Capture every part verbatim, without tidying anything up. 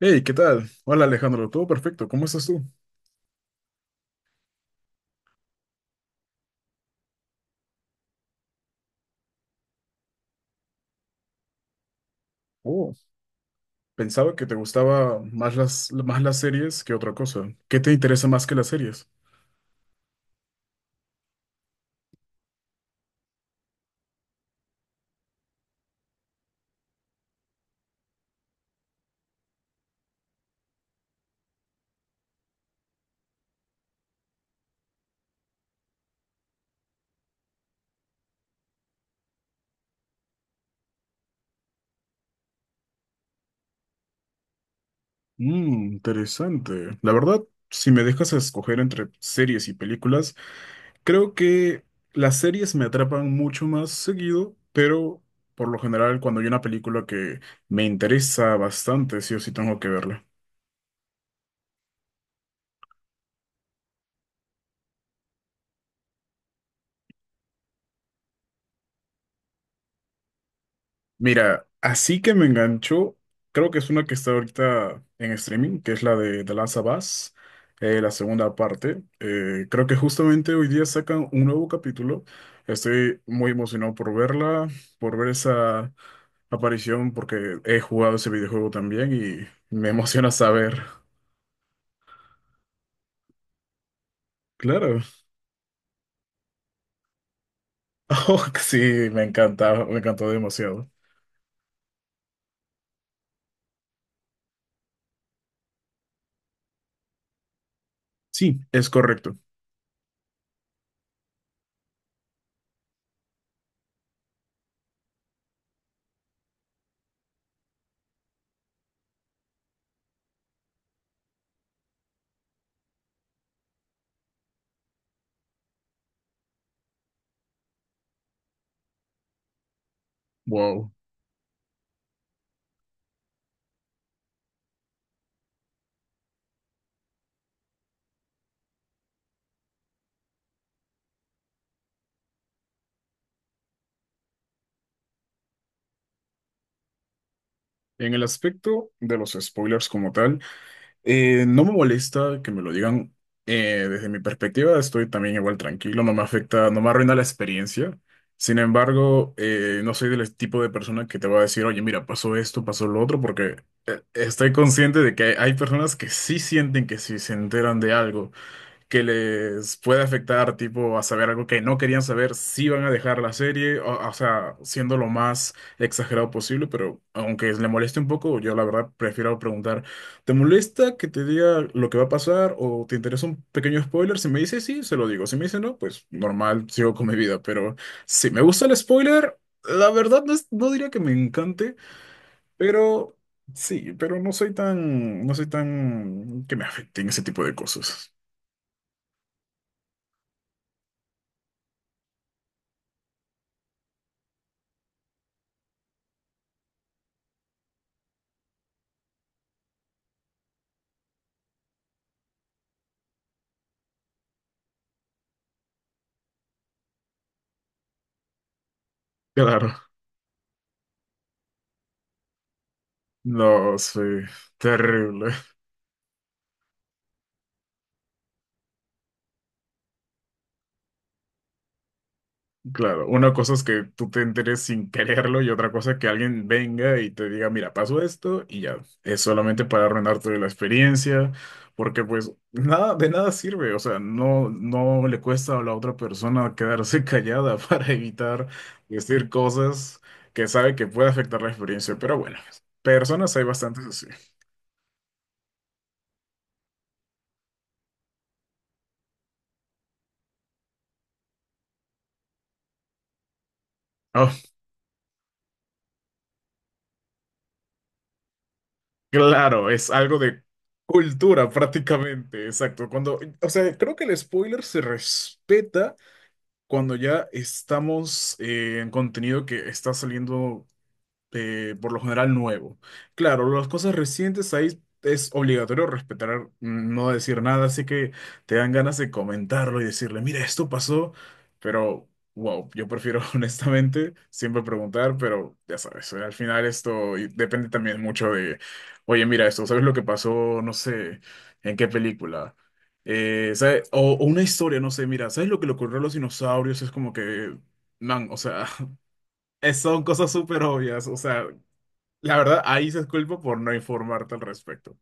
Hey, ¿qué tal? Hola Alejandro, todo perfecto, ¿cómo estás tú? Oh, pensaba que te gustaba más las, más las series que otra cosa. ¿Qué te interesa más que las series? Mmm, interesante. La verdad, si me dejas escoger entre series y películas, creo que las series me atrapan mucho más seguido, pero por lo general cuando hay una película que me interesa bastante, sí o sí tengo que verla. Mira, así que me enganchó, creo que es una que está ahorita en streaming, que es la de The Last of Us, eh, la segunda parte. Eh, creo que justamente hoy día sacan un nuevo capítulo. Estoy muy emocionado por verla, por ver esa aparición, porque he jugado ese videojuego también y me emociona saber. Claro. Oh, sí, me encanta, me encantó demasiado. Sí, es correcto. Wow. En el aspecto de los spoilers como tal. Eh, no me molesta que me lo digan. Eh, desde mi perspectiva, estoy también igual tranquilo, no me afecta, no me arruina la experiencia. Sin embargo, eh, no soy del tipo de persona que te va a decir, oye, mira, pasó esto, pasó lo otro, porque eh, estoy consciente de que hay personas que sí sienten que si se enteran de algo que les puede afectar, tipo, a saber algo que no querían saber, si van a dejar la serie, o, o sea, siendo lo más exagerado posible, pero aunque le moleste un poco, yo la verdad prefiero preguntar, ¿te molesta que te diga lo que va a pasar o te interesa un pequeño spoiler? Si me dice sí, se lo digo, si me dice no, pues normal, sigo con mi vida, pero si me gusta el spoiler, la verdad no, es- no diría que me encante, pero... Sí, pero no soy tan, no soy tan que me afecten ese tipo de cosas. Claro. No, sí, terrible. Claro, una cosa es que tú te enteres sin quererlo y otra cosa es que alguien venga y te diga, mira, pasó esto y ya. Es solamente para arruinarte la experiencia, porque pues nada, de nada sirve. O sea, no, no le cuesta a la otra persona quedarse callada para evitar decir cosas que sabe que puede afectar la experiencia. Pero bueno, personas hay bastantes así. Ah, claro, es algo de cultura prácticamente, exacto. Cuando, o sea, creo que el spoiler se respeta cuando ya estamos eh, en contenido que está saliendo eh, por lo general nuevo. Claro, las cosas recientes ahí es obligatorio respetar, mm, no decir nada, así que te dan ganas de comentarlo y decirle, mira, esto pasó, pero wow, yo prefiero honestamente siempre preguntar, pero ya sabes, eh, al final esto y depende también mucho de, oye, mira esto, ¿sabes lo que pasó? No sé, ¿en qué película? Eh, ¿sabe- O, o una historia, no sé, mira, ¿sabes lo que le ocurrió a los dinosaurios? Es como que, man, o sea, es- Son cosas súper obvias, o sea, la verdad, ahí se disculpa por no informarte al respecto.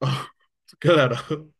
Claro.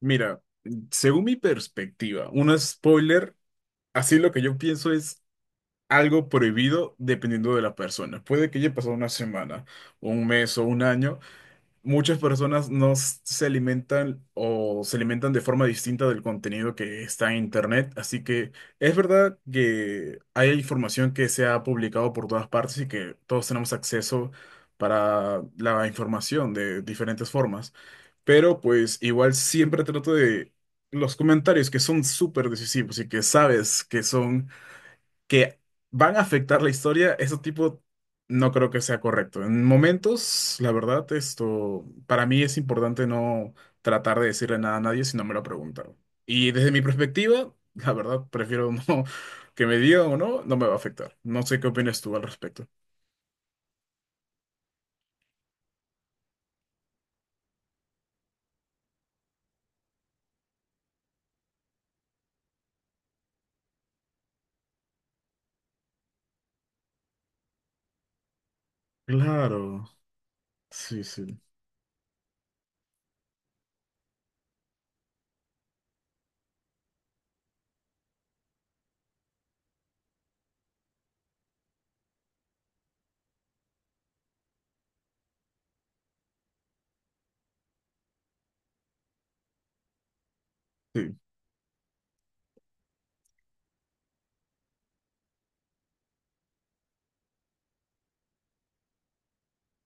Mira, según mi perspectiva, un spoiler, así lo que yo pienso es algo prohibido dependiendo de la persona. Puede que haya pasado una semana, un mes o un año. Muchas personas no s- se alimentan o se alimentan de forma distinta del contenido que está en Internet, así que es verdad que hay información que se ha publicado por todas partes y que todos tenemos acceso para la información de diferentes formas, pero pues igual siempre trato de los comentarios que son súper decisivos y que sabes que son que van a afectar la historia, eso tipo no creo que sea correcto. En momentos, la verdad, esto para mí es importante no tratar de decirle nada a nadie si no me lo preguntaron. Y desde mi perspectiva, la verdad, prefiero no que me digan o no, no me va a afectar. No sé qué opinas tú al respecto. Claro, sí, sí, sí.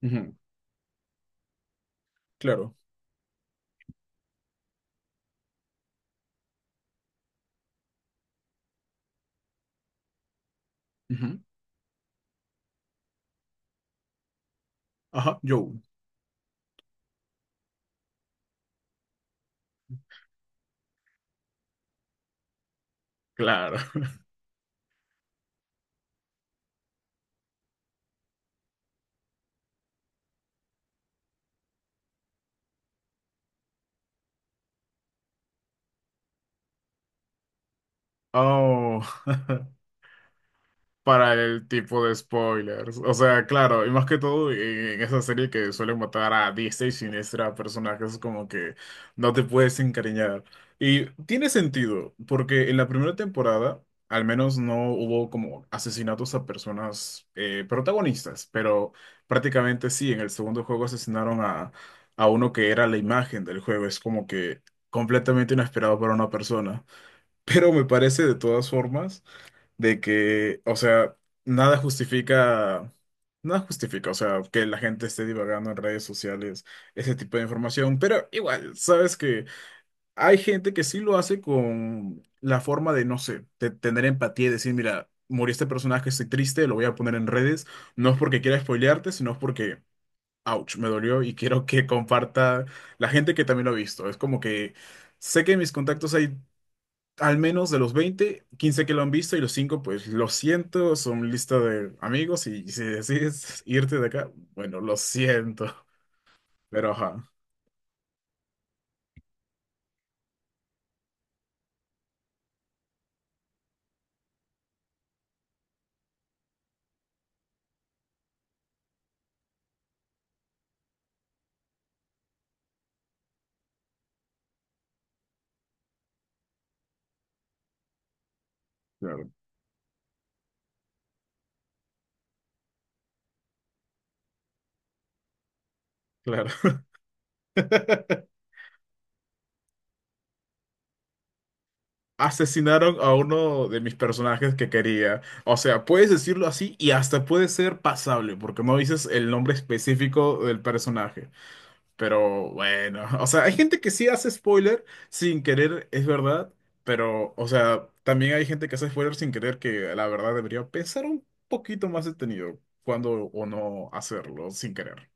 Ujú. Claro. Ujú. Ajá, yo. Claro. Oh. Para el tipo de spoilers. O sea, claro, y más que todo en, en esa serie que suelen matar a diestra y siniestra a personajes como que no te puedes encariñar. Y tiene sentido, porque en la primera temporada al menos no hubo como asesinatos a personas eh, protagonistas, pero prácticamente sí, en el segundo juego asesinaron a, a uno que era la imagen del juego. Es como que completamente inesperado para una persona. Pero me parece de todas formas de que, o sea, nada justifica, nada justifica, o sea, que la gente esté divagando en redes sociales ese tipo de información, pero igual, sabes que hay gente que sí lo hace con la forma de, no sé, de tener empatía y decir, mira, murió este personaje, estoy triste, lo voy a poner en redes, no es porque quiera spoilearte, sino es porque, ouch, me dolió y quiero que comparta la gente que también lo ha visto, es como que... Sé que en mis contactos hay al menos de los veinte, quince que lo han visto y los cinco, pues lo siento, son lista de amigos y si decides irte de acá, bueno, lo siento. Pero ajá, claro, claro. Asesinaron a uno de mis personajes que quería. O sea, puedes decirlo así y hasta puede ser pasable, porque no dices el nombre específico del personaje. Pero bueno, o sea, hay gente que sí hace spoiler sin querer, es verdad, pero, o sea, también hay gente que hace spoiler sin querer que la verdad debería pensar un poquito más detenido cuando o no hacerlo sin querer.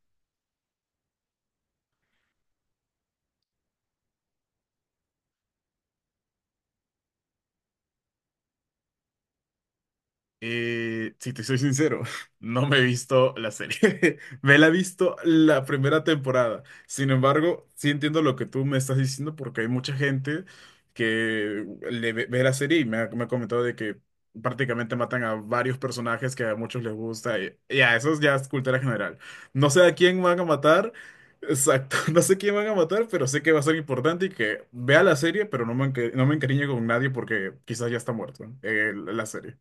Eh, si te soy sincero, no me he visto la serie. Me la he visto la primera temporada. Sin embargo, sí entiendo lo que tú me estás diciendo porque hay mucha gente que le ve, ve la serie y me ha, me ha comentado de que prácticamente matan a varios personajes que a muchos les gusta. Y, y a eso ya es cultura general. No sé a quién van a matar. Exacto, no sé quién van a matar, pero sé que va a ser importante y que vea la serie, pero no me, enca- no me encariñe con nadie porque quizás ya está muerto eh, la serie.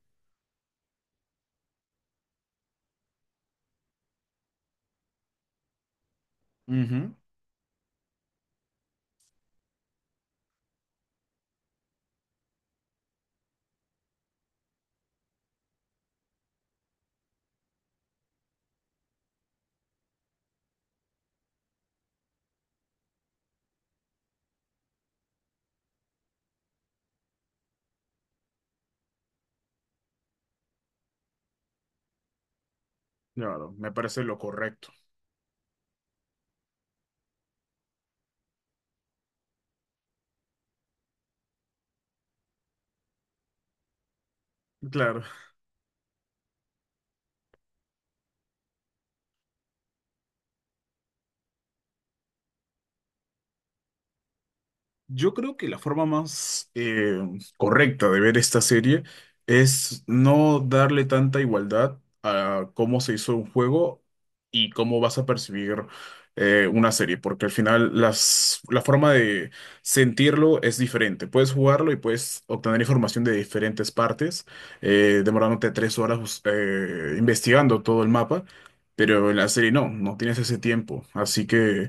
Claro, me parece lo correcto. Claro, yo creo que la forma más eh, correcta de ver esta serie es no darle tanta igualdad a cómo se hizo un juego y cómo vas a percibir eh, una serie, porque al final las, la forma de sentirlo es diferente. Puedes jugarlo y puedes obtener información de diferentes partes, eh, demorándote tres horas bus- eh, investigando todo el mapa. Pero en la serie no, no tienes ese tiempo. Así que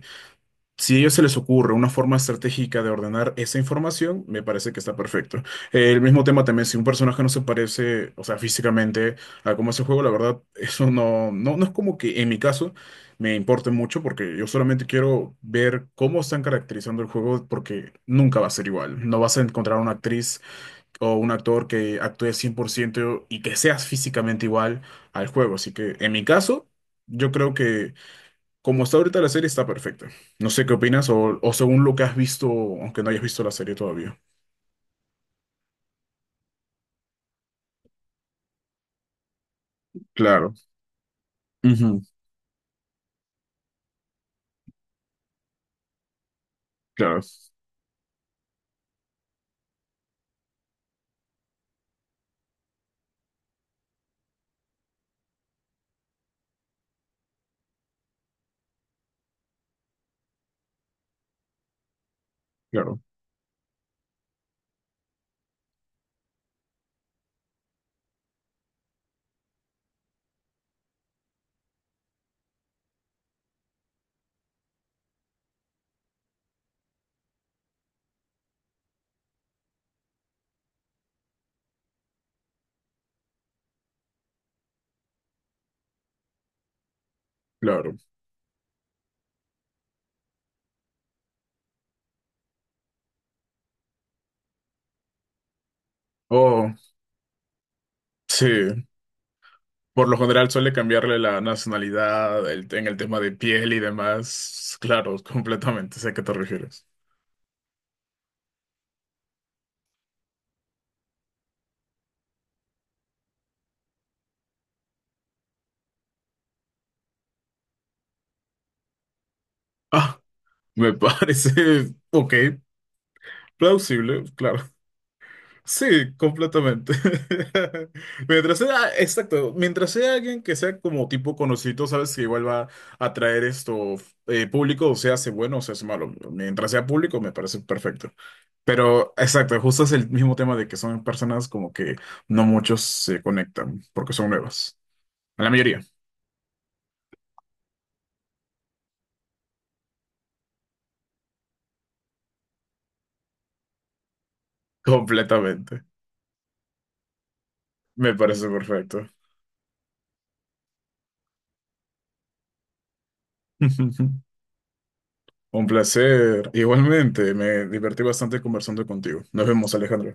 Si a ellos se les ocurre una forma estratégica de ordenar esa información, me parece que está perfecto. Eh, El mismo tema también, si un personaje no se parece, o sea, físicamente a cómo es el juego, la verdad, eso no, no, no es como que en mi caso me importe mucho, porque yo solamente quiero ver cómo están caracterizando el juego, porque nunca va a ser igual. No vas a encontrar una actriz o un actor que actúe cien por ciento y que seas físicamente igual al juego. Así que en mi caso, yo creo que... Como está ahorita la serie, está perfecta. No sé qué opinas o, o según lo que has visto, aunque no hayas visto la serie todavía. Claro, ujú, Claro, claro, claro. Oh, sí. Por lo general suele cambiarle la nacionalidad el- en el tema de piel y demás. Claro, completamente. Sé a qué te refieres. Ah, me parece, ok, plausible, claro. Sí, completamente. Mientras sea, exacto, mientras sea alguien que sea como tipo conocido, sabes que igual va a atraer esto eh, público, o sea, hace bueno o se hace malo. Mientras sea público, me parece perfecto. Pero exacto, justo es el mismo tema de que son personas como que no muchos se conectan porque son nuevas. La mayoría, completamente. Me parece perfecto. Un placer. Igualmente, me divertí bastante conversando contigo. Nos vemos, Alejandro.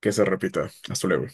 Que se repita. Hasta luego.